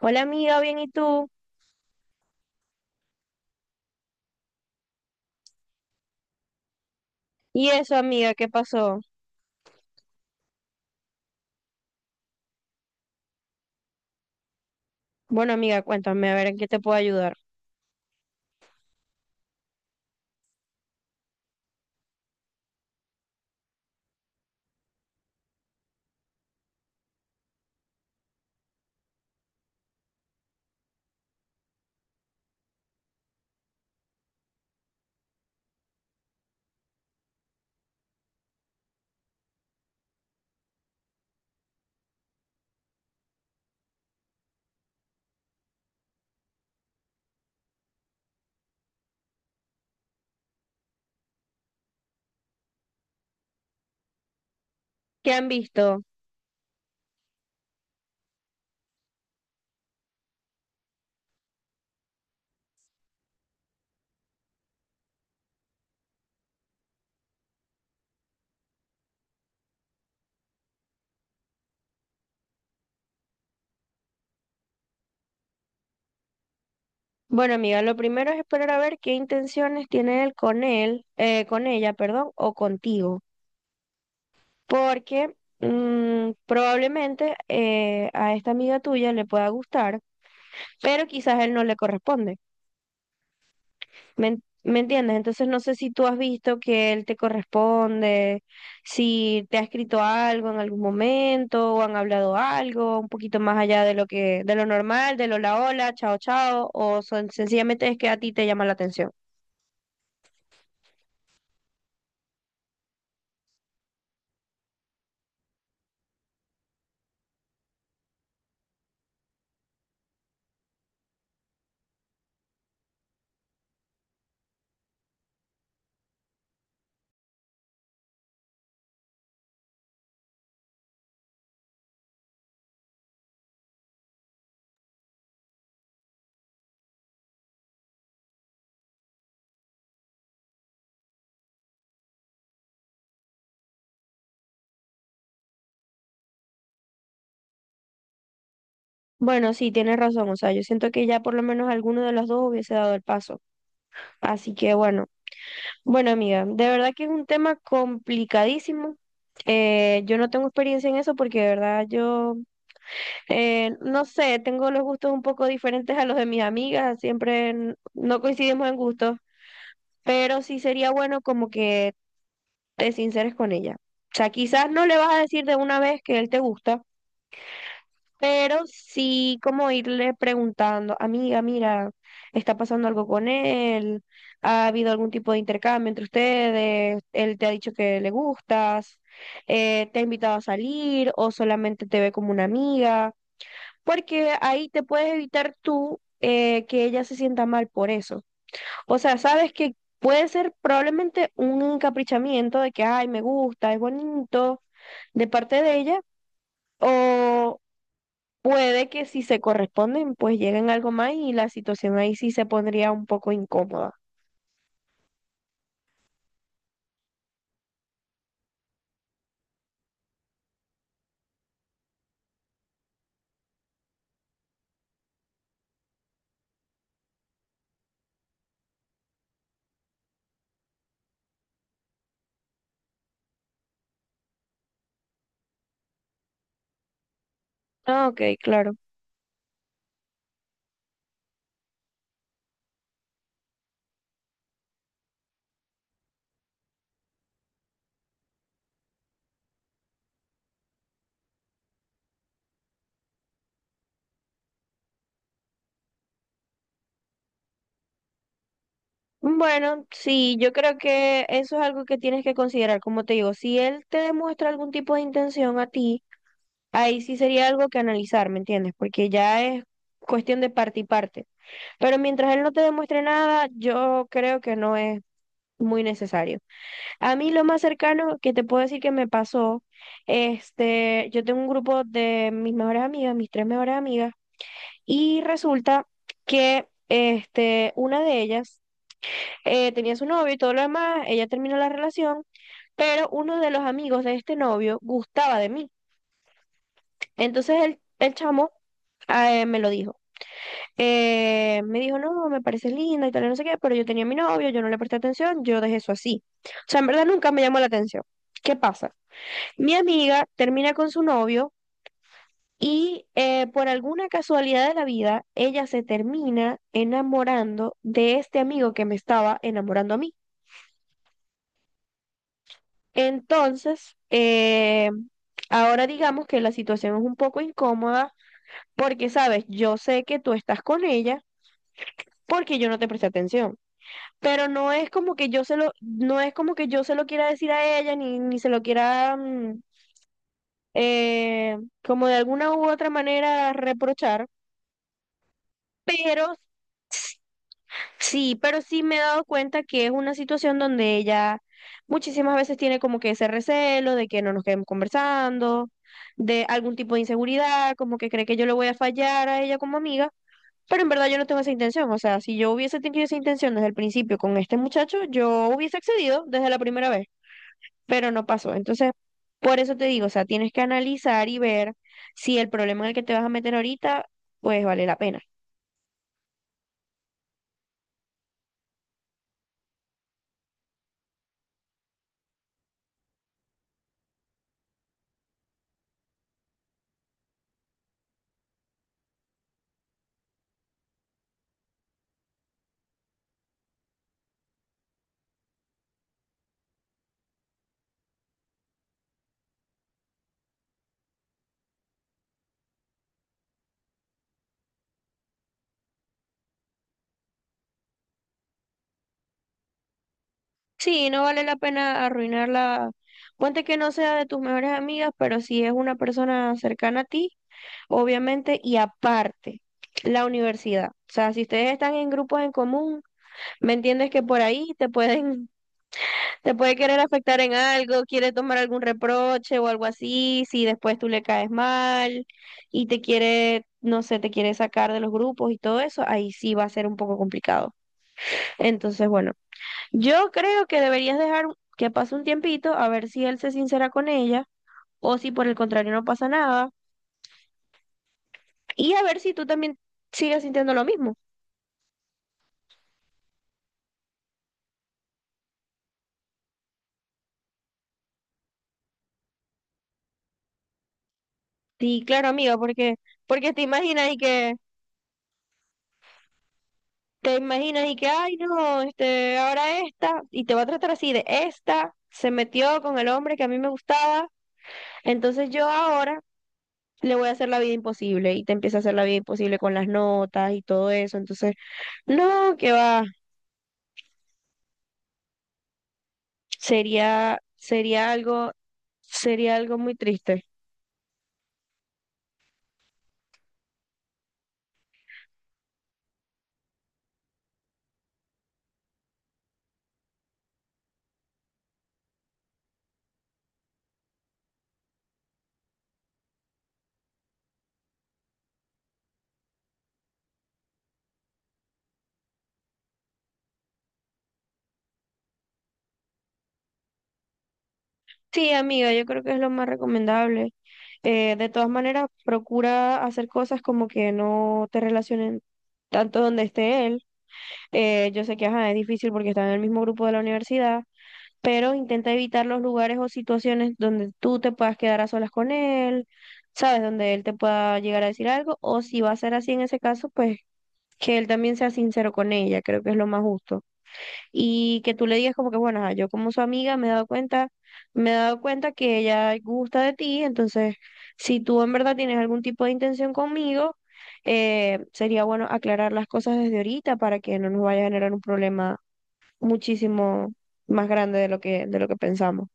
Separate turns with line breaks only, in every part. Hola amiga, bien, ¿y tú? ¿Y eso amiga, qué pasó? Bueno amiga, cuéntame a ver en qué te puedo ayudar. ¿Qué han visto? Bueno amiga, lo primero es esperar a ver qué intenciones tiene él, con ella, perdón, o contigo, porque probablemente a esta amiga tuya le pueda gustar, pero quizás él no le corresponde. ¿ me entiendes? Entonces no sé si tú has visto que él te corresponde, si te ha escrito algo en algún momento o han hablado algo un poquito más allá de de lo normal, de lo hola hola, chao chao, o son, sencillamente es que a ti te llama la atención. Bueno, sí, tienes razón, o sea, yo siento que ya por lo menos alguno de los dos hubiese dado el paso. Así que bueno amiga, de verdad que es un tema complicadísimo. Yo no tengo experiencia en eso porque de verdad yo. No sé, tengo los gustos un poco diferentes a los de mis amigas, siempre no coincidimos en gustos, pero sí sería bueno como que te sinceres con ella. O sea, quizás no le vas a decir de una vez que él te gusta, pero sí como irle preguntando, amiga, mira, está pasando algo con él, ha habido algún tipo de intercambio entre ustedes, él te ha dicho que le gustas, te ha invitado a salir o solamente te ve como una amiga porque ahí te puedes evitar tú, que ella se sienta mal por eso. O sea, sabes que puede ser probablemente un encaprichamiento de que, ay, me gusta, es bonito de parte de ella, o puede que si se corresponden, pues lleguen algo más y la situación ahí sí se pondría un poco incómoda. Ah, ok, claro. Bueno, sí, yo creo que eso es algo que tienes que considerar. Como te digo, si él te demuestra algún tipo de intención a ti, ahí sí sería algo que analizar, ¿me entiendes? Porque ya es cuestión de parte y parte. Pero mientras él no te demuestre nada, yo creo que no es muy necesario. A mí lo más cercano que te puedo decir que me pasó, este, yo tengo un grupo de mis mejores amigas, mis tres mejores amigas, y resulta que este, una de ellas, tenía su novio y todo lo demás, ella terminó la relación, pero uno de los amigos de este novio gustaba de mí. Entonces el chamo me lo dijo. Me dijo, no, me parece linda y tal, y no sé qué, pero yo tenía mi novio, yo no le presté atención, yo dejé eso así. O sea, en verdad nunca me llamó la atención. ¿Qué pasa? Mi amiga termina con su novio y por alguna casualidad de la vida, ella se termina enamorando de este amigo que me estaba enamorando a mí. Entonces, ahora digamos que la situación es un poco incómoda porque, sabes, yo sé que tú estás con ella porque yo no te presté atención. Pero no es como que no es como que yo se lo quiera decir a ella, ni se lo quiera eh, como de alguna u otra manera reprochar, pero sí, pero sí me he dado cuenta que es una situación donde ella muchísimas veces tiene como que ese recelo de que no nos quedemos conversando, de algún tipo de inseguridad, como que cree que yo le voy a fallar a ella como amiga. Pero en verdad yo no tengo esa intención, o sea, si yo hubiese tenido esa intención desde el principio con este muchacho, yo hubiese accedido desde la primera vez. Pero no pasó. Entonces, por eso te digo, o sea, tienes que analizar y ver si el problema en el que te vas a meter ahorita, pues vale la pena. Sí, no vale la pena arruinarla. Ponte que no sea de tus mejores amigas, pero si es una persona cercana a ti, obviamente, y aparte, la universidad. O sea, si ustedes están en grupos en común, ¿me entiendes? Que por ahí te pueden. Te puede querer afectar en algo, quiere tomar algún reproche o algo así, si después tú le caes mal y te quiere, no sé, te quiere sacar de los grupos y todo eso, ahí sí va a ser un poco complicado. Entonces, bueno, yo creo que deberías dejar que pase un tiempito a ver si él se sincera con ella o si por el contrario no pasa nada y a ver si tú también sigues sintiendo lo mismo. Sí, claro, amiga, porque porque te imaginas y que te imaginas y que, ay, no, este, ahora esta, y te va a tratar así de esta, se metió con el hombre que a mí me gustaba, entonces yo ahora le voy a hacer la vida imposible y te empieza a hacer la vida imposible con las notas y todo eso, entonces, no, que va, sería, sería algo, sería algo muy triste. Sí, amiga, yo creo que es lo más recomendable. De todas maneras, procura hacer cosas como que no te relacionen tanto donde esté él. Yo sé que ajá, es difícil porque están en el mismo grupo de la universidad, pero intenta evitar los lugares o situaciones donde tú te puedas quedar a solas con él, ¿sabes? Donde él te pueda llegar a decir algo, o si va a ser así en ese caso, pues que él también sea sincero con ella, creo que es lo más justo y que tú le digas como que, bueno, ajá, yo como su amiga me he dado cuenta, me he dado cuenta que ella gusta de ti, entonces si tú en verdad tienes algún tipo de intención conmigo, sería bueno aclarar las cosas desde ahorita para que no nos vaya a generar un problema muchísimo más grande de de lo que pensamos.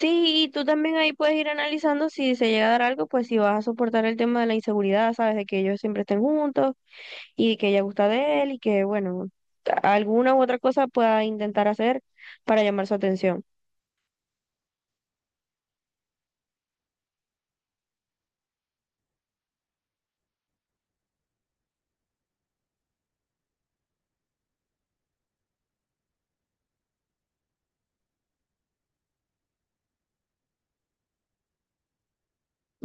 Sí, y tú también ahí puedes ir analizando si se llega a dar algo, pues si vas a soportar el tema de la inseguridad, sabes, de que ellos siempre estén juntos y que ella gusta de él y que, bueno, alguna u otra cosa pueda intentar hacer para llamar su atención.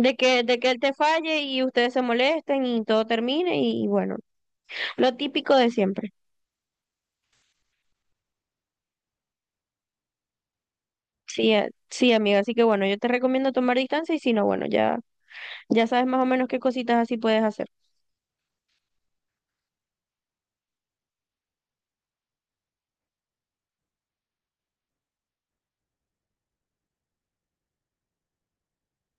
De que él te falle y ustedes se molesten y todo termine y bueno, lo típico de siempre. Sí, sí, amiga, así que bueno, yo te recomiendo tomar distancia y si no, bueno, ya, ya sabes más o menos qué cositas así puedes hacer.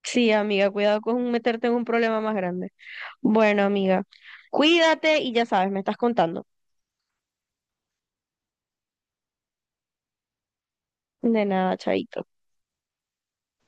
Sí, amiga, cuidado con meterte en un problema más grande. Bueno, amiga, cuídate y ya sabes, me estás contando. De nada, chaito.